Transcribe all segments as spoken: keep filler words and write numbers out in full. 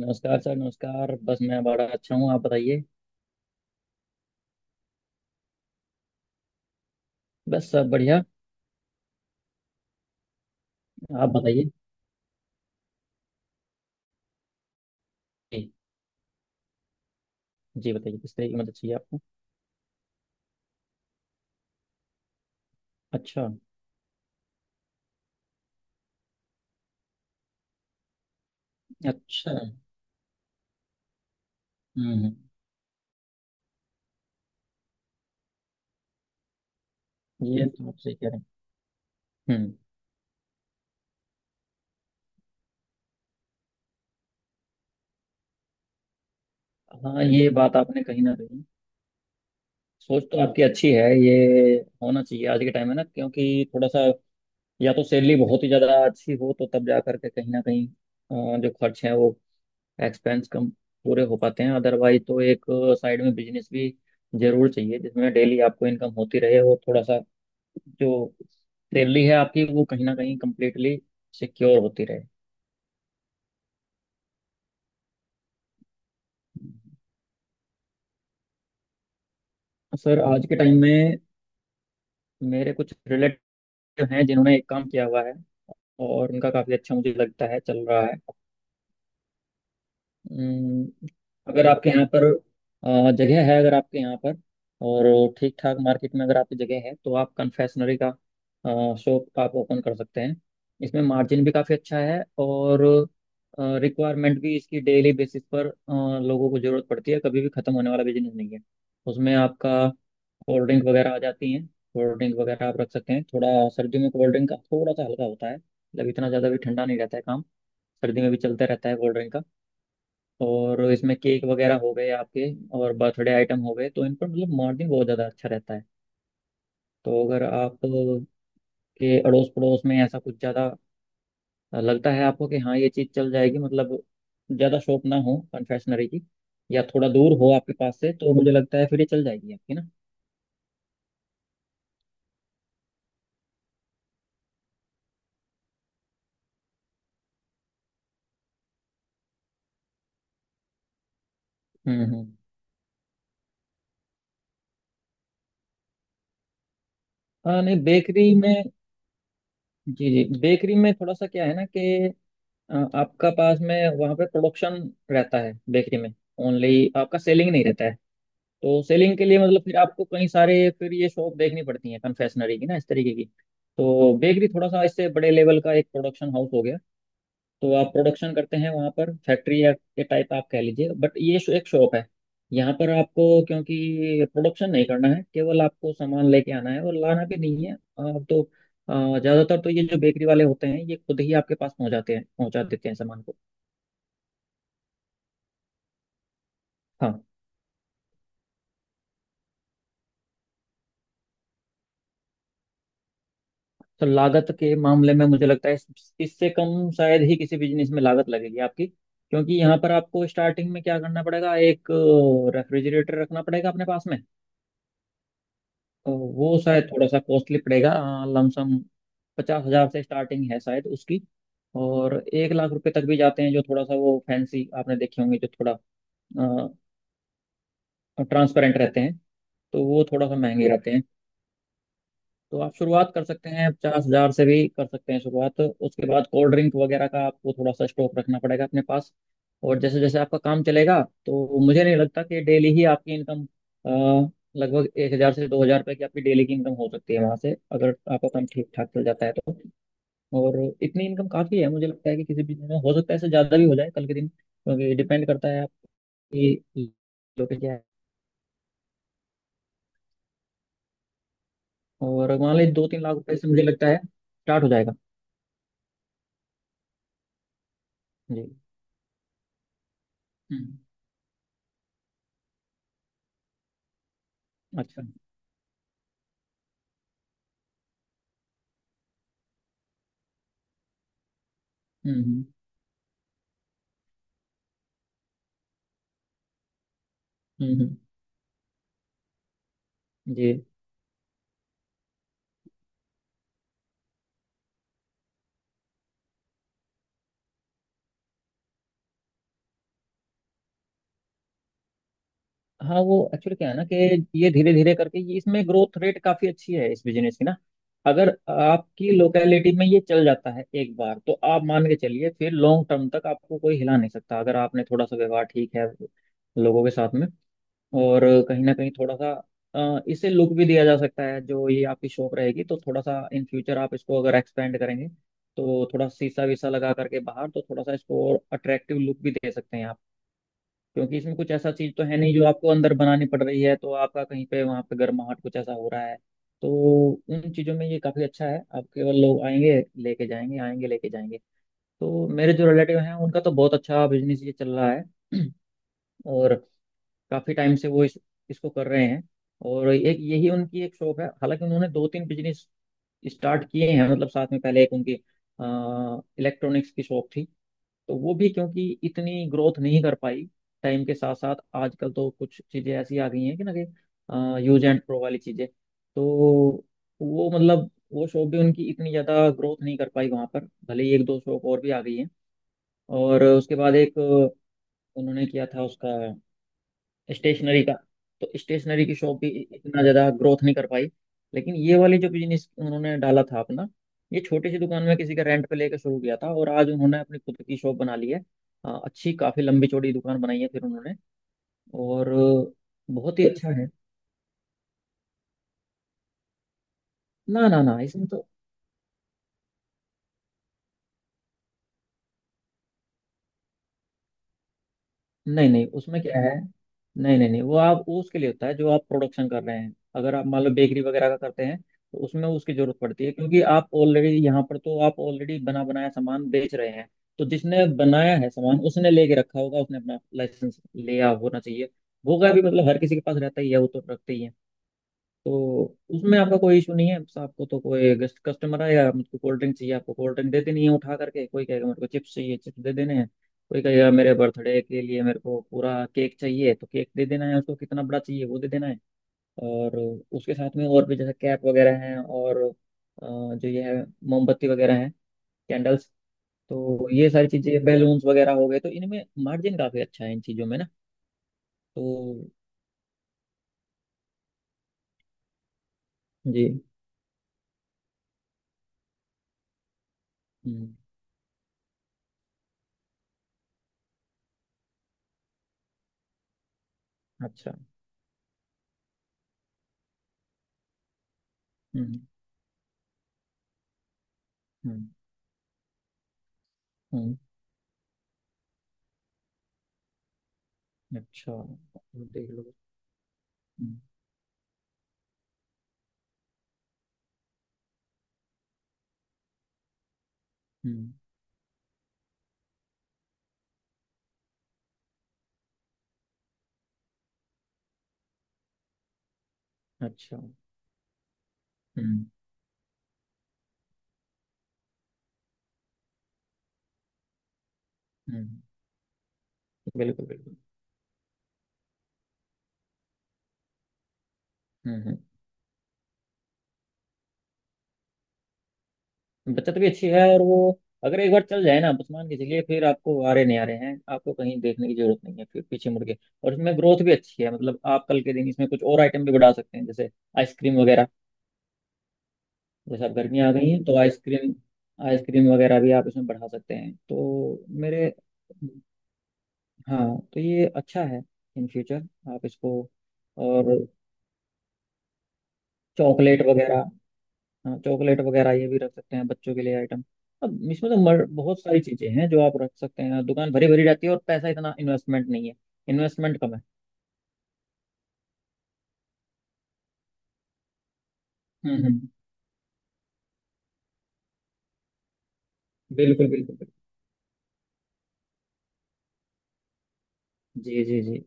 नमस्कार सर। नमस्कार। बस मैं बड़ा अच्छा हूँ। आप बताइए। बस सब बढ़िया। आप बताइए। जी। जी बताइए, किस तरह की मदद चाहिए आपको। अच्छा। अच्छा। हम्म। ये तो आप सही कह रहे हैं। हम्म। हाँ, ये बात आपने कहीं ना कहीं। सोच तो आपकी अच्छी है। ये होना चाहिए आज के टाइम में ना, क्योंकि थोड़ा सा या तो सैलरी बहुत ही ज़्यादा अच्छी हो तो तब जा करके कहीं ना कहीं अ, जो खर्च है वो एक्सपेंस कम पूरे हो पाते हैं। अदरवाइज तो एक साइड में बिजनेस भी जरूर चाहिए, जिसमें डेली आपको इनकम होती रहे और थोड़ा सा जो सैलरी है आपकी वो कहीं ना कहीं कंप्लीटली सिक्योर होती रहे। सर आज के टाइम में मेरे कुछ रिलेटिव हैं जिन्होंने एक काम किया हुआ है और उनका काफ़ी अच्छा मुझे लगता है चल रहा है। हम्म, अगर आपके यहाँ पर अ, जगह है, अगर आपके यहाँ पर और ठीक ठाक मार्केट में अगर आपकी जगह है तो आप कन्फेक्शनरी का शॉप आप ओपन कर सकते हैं। इसमें मार्जिन भी काफ़ी अच्छा है और रिक्वायरमेंट भी इसकी डेली बेसिस पर अ, लोगों को ज़रूरत पड़ती है। कभी भी ख़त्म होने वाला बिजनेस नहीं है। उसमें आपका कोल्ड ड्रिंक वगैरह आ जाती हैं। कोल्ड ड्रिंक वगैरह आप रख सकते हैं। थोड़ा सर्दियों में कोल्ड ड्रिंक का थोड़ा सा हल्का होता है, मतलब इतना ज़्यादा भी ठंडा नहीं रहता है काम। सर्दी में भी चलता रहता है कोल्ड ड्रिंक का। और इसमें केक वगैरह हो गए आपके, और बर्थडे आइटम हो गए, तो इन पर मतलब मार्जिन बहुत ज़्यादा अच्छा रहता है। तो अगर आप के अड़ोस पड़ोस में ऐसा कुछ ज़्यादा लगता है आपको कि हाँ ये चीज़ चल जाएगी, मतलब ज़्यादा शॉप ना हो कन्फेक्शनरी की या थोड़ा दूर हो आपके पास से, तो मुझे लगता है फिर ये चल जाएगी आपकी ना। हम्म हम्म। हाँ नहीं, बेकरी में। जी जी, बेकरी में थोड़ा सा क्या है ना कि अ, आपका पास में वहाँ पे प्रोडक्शन रहता है बेकरी में। ओनली आपका सेलिंग नहीं रहता है। तो सेलिंग के लिए मतलब फिर आपको कई सारे, फिर ये शॉप देखनी पड़ती है कन्फेक्शनरी की ना इस तरीके की। तो बेकरी थोड़ा सा इससे बड़े लेवल का एक प्रोडक्शन हाउस हो गया। तो आप प्रोडक्शन करते हैं वहाँ पर, फैक्ट्री या के टाइप आप कह लीजिए, बट ये शो- एक शॉप है। यहाँ पर आपको क्योंकि प्रोडक्शन नहीं करना है, केवल आपको सामान लेके आना है, और लाना भी नहीं है आप तो, अ, ज्यादातर तो ये जो बेकरी वाले होते हैं ये खुद ही आपके पास पहुंचाते हैं, पहुंचा देते हैं सामान को। हाँ। तो लागत के मामले में मुझे लगता है इस- इससे कम शायद ही किसी बिजनेस में लागत लगेगी आपकी, क्योंकि यहाँ पर आपको स्टार्टिंग में क्या करना पड़ेगा, एक रेफ्रिजरेटर रखना पड़ेगा अपने पास में। तो वो शायद थोड़ा सा कॉस्टली पड़ेगा। लमसम पचास हजार से स्टार्टिंग है शायद उसकी, और एक लाख रुपए तक भी जाते हैं, जो थोड़ा सा वो फैंसी आपने देखे होंगे, जो थोड़ा ट्रांसपेरेंट रहते हैं। तो वो थोड़ा सा महंगे रहते हैं। तो आप शुरुआत कर सकते हैं, पचास हजार से भी कर सकते हैं शुरुआत। उसके बाद कोल्ड ड्रिंक वगैरह का आपको थोड़ा सा स्टॉक रखना पड़ेगा अपने पास। और जैसे जैसे आपका काम चलेगा, तो मुझे नहीं लगता कि डेली ही आपकी इनकम अ, लगभग एक हजार से दो हजार रुपये की आपकी डेली की इनकम हो सकती है वहां से, अगर आपका काम ठीक ठाक चल जाता है तो। और इतनी इनकम काफी है मुझे लगता है कि किसी भी दिन में। हो सकता है इससे ज्यादा भी हो जाए कल के दिन, क्योंकि डिपेंड करता है आपकी लोकेशन क्या है। और मान लीजिए दो तीन लाख रुपए से मुझे लगता है स्टार्ट हो जाएगा। जी। हम्म। अच्छा। हम्म। हम्म। हम्म। हम्म। जी। हाँ वो एक्चुअली क्या है ना कि ये धीरे धीरे करके ये इसमें ग्रोथ रेट काफी अच्छी है इस बिजनेस की ना। अगर आपकी लोकेलिटी में ये चल जाता है एक बार, तो आप मान के चलिए फिर लॉन्ग टर्म तक आपको कोई हिला नहीं सकता, अगर आपने थोड़ा सा व्यवहार ठीक है लोगों के साथ में। और कहीं ना कहीं थोड़ा सा अ, इसे लुक भी दिया जा सकता है, जो ये आपकी शॉप रहेगी। तो थोड़ा सा इन फ्यूचर आप इसको अगर एक्सपेंड करेंगे, तो थोड़ा शीशा वीसा लगा करके बाहर तो थोड़ा सा इसको और अट्रैक्टिव लुक भी दे सकते हैं आप। क्योंकि इसमें कुछ ऐसा चीज तो है नहीं जो आपको अंदर बनानी पड़ रही है, तो आपका कहीं पे वहां पे गर्माहट कुछ ऐसा हो रहा है। तो उन चीजों में ये काफी अच्छा है। आप केवल लोग आएंगे लेके जाएंगे, आएंगे लेके जाएंगे। तो मेरे जो रिलेटिव हैं उनका तो बहुत अच्छा बिजनेस ये चल रहा है। और काफी टाइम से वो इस, इसको कर रहे हैं। और एक यही उनकी एक शॉप है, हालांकि उन्होंने दो तीन बिजनेस स्टार्ट किए हैं, मतलब साथ में। पहले एक उनकी इलेक्ट्रॉनिक्स की शॉप थी, तो वो भी क्योंकि इतनी ग्रोथ नहीं कर पाई। टाइम के साथ साथ आजकल तो कुछ चीजें ऐसी आ गई हैं कि ना कि यूज एंड प्रो वाली चीजें। तो वो मतलब वो शॉप भी उनकी इतनी ज्यादा ग्रोथ नहीं कर पाई वहां पर, भले ही एक दो शॉप और भी आ गई हैं। और उसके बाद एक उन्होंने किया था उसका स्टेशनरी का। तो स्टेशनरी की शॉप भी इतना ज्यादा ग्रोथ नहीं कर पाई। लेकिन ये वाली जो बिजनेस उन्होंने डाला था अपना, ये छोटी सी दुकान में किसी का रेंट पे लेकर शुरू किया था, और आज उन्होंने अपनी खुद की शॉप बना ली है। अ, अच्छी काफी लंबी चौड़ी दुकान बनाई है फिर उन्होंने, और बहुत ही अच्छा है। ना ना ना, इसमें तो नहीं, नहीं उसमें क्या है, नहीं नहीं नहीं। वो आप वो उसके लिए होता है जो आप प्रोडक्शन कर रहे हैं। अगर आप मान लो बेकरी वगैरह का करते हैं तो उसमें उसकी जरूरत पड़ती है, क्योंकि आप ऑलरेडी यहाँ पर, तो आप ऑलरेडी बना बनाया सामान बेच रहे हैं। तो जिसने बनाया है सामान उसने लेके रखा होगा, उसने अपना लाइसेंस लिया होना चाहिए। होगा भी, मतलब हर किसी के पास रहता ही है वो, तो रखते ही है। तो उसमें आपका कोई इशू नहीं है। बस आपको तो, कोई गेस्ट कस्टमर आएगा, मुझको कोल्ड ड्रिंक चाहिए, आपको कोल्ड ड्रिंक दे देनी है उठा करके। कोई कहेगा मेरे को चिप्स चाहिए, चिप्स दे देने हैं। कोई कहेगा मेरे बर्थडे के लिए मेरे को पूरा केक चाहिए, तो केक दे देना है उसको, कितना बड़ा चाहिए वो दे देना है। और उसके साथ में और भी, जैसे कैप वगैरह हैं, और अ, जो ये है मोमबत्ती वगैरह है, कैंडल्स। तो ये सारी चीज़ें, बैलून्स वगैरह हो गए, तो इनमें मार्जिन काफ़ी अच्छा है इन चीज़ों में ना। तो जी। हम्म। अच्छा। हम्म। हम्म। हम्म। अच्छा। देख लो। हम्म। हम्म। अच्छा। हम्म। हम्म। बिल्कुल बिल्कुल। हम्म हम्म। बचत भी अच्छी है, और वो अगर एक बार चल जाए ना, आप बस मान के चलिए, फिर आपको आ रहे नहीं आ रहे हैं, आपको कहीं देखने की जरूरत नहीं है फिर पीछे मुड़ के। और इसमें ग्रोथ भी अच्छी है, मतलब आप कल के दिन इसमें कुछ और आइटम भी बढ़ा सकते हैं, जैसे आइसक्रीम वगैरह। जैसे आप, गर्मियाँ आ गई हैं, तो आइसक्रीम, आइसक्रीम वगैरह भी आप इसमें बढ़ा सकते हैं तो मेरे। हाँ, तो ये अच्छा है इन फ्यूचर आप इसको। और चॉकलेट वगैरह। हाँ चॉकलेट वगैरह ये भी रख सकते हैं, बच्चों के लिए आइटम। अब इसमें तो मर, बहुत सारी चीजें हैं जो आप रख सकते हैं, दुकान भरी भरी रहती है और पैसा इतना इन्वेस्टमेंट नहीं है, इन्वेस्टमेंट कम है। हम्म हम्म। बिल्कुल बिल्कुल बिल्कुल। जी जी जी।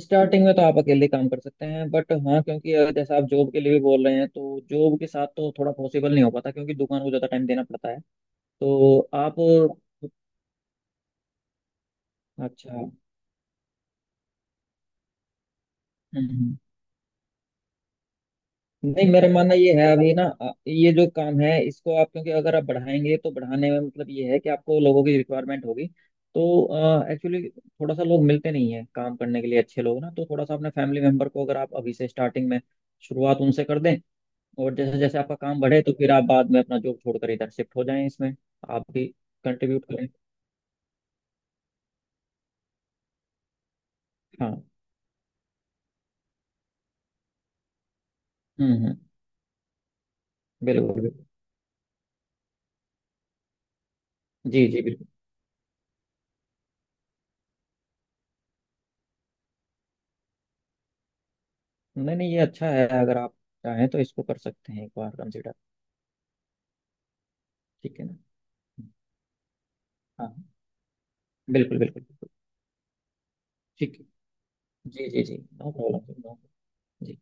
स्टार्टिंग में तो आप अकेले काम कर सकते हैं, बट हाँ, क्योंकि अगर जैसा आप जॉब के लिए भी बोल रहे हैं तो जॉब के साथ तो थोड़ा पॉसिबल नहीं हो पाता, क्योंकि दुकान को ज्यादा टाइम देना पड़ता है। तो आप। अच्छा। हम्म। हम्म। नहीं, मेरा मानना ये है अभी ना, अ, ये जो काम है इसको आप, क्योंकि अगर आप बढ़ाएंगे तो बढ़ाने में मतलब ये है कि आपको लोगों की रिक्वायरमेंट होगी। तो एक्चुअली थोड़ा सा लोग मिलते नहीं है काम करने के लिए, अच्छे लोग ना, तो थोड़ा सा अपने फैमिली मेंबर को अगर आप अभी से स्टार्टिंग में शुरुआत उनसे कर दें, और जैसे जैसे आपका काम बढ़े तो फिर आप बाद में अपना जॉब छोड़कर इधर शिफ्ट हो जाएं इसमें। आप भी कंट्रीब्यूट करें। हाँ। हम्म हम्म। बिल्कुल बिल्कुल। जी जी बिल्कुल। नहीं नहीं ये अच्छा है, अगर आप चाहें तो इसको कर सकते हैं एक बार कंसिडर। ठीक है ना। हाँ। बिल्कुल बिल्कुल बिल्कुल। ठीक है। जी जी जी। No problem. जी।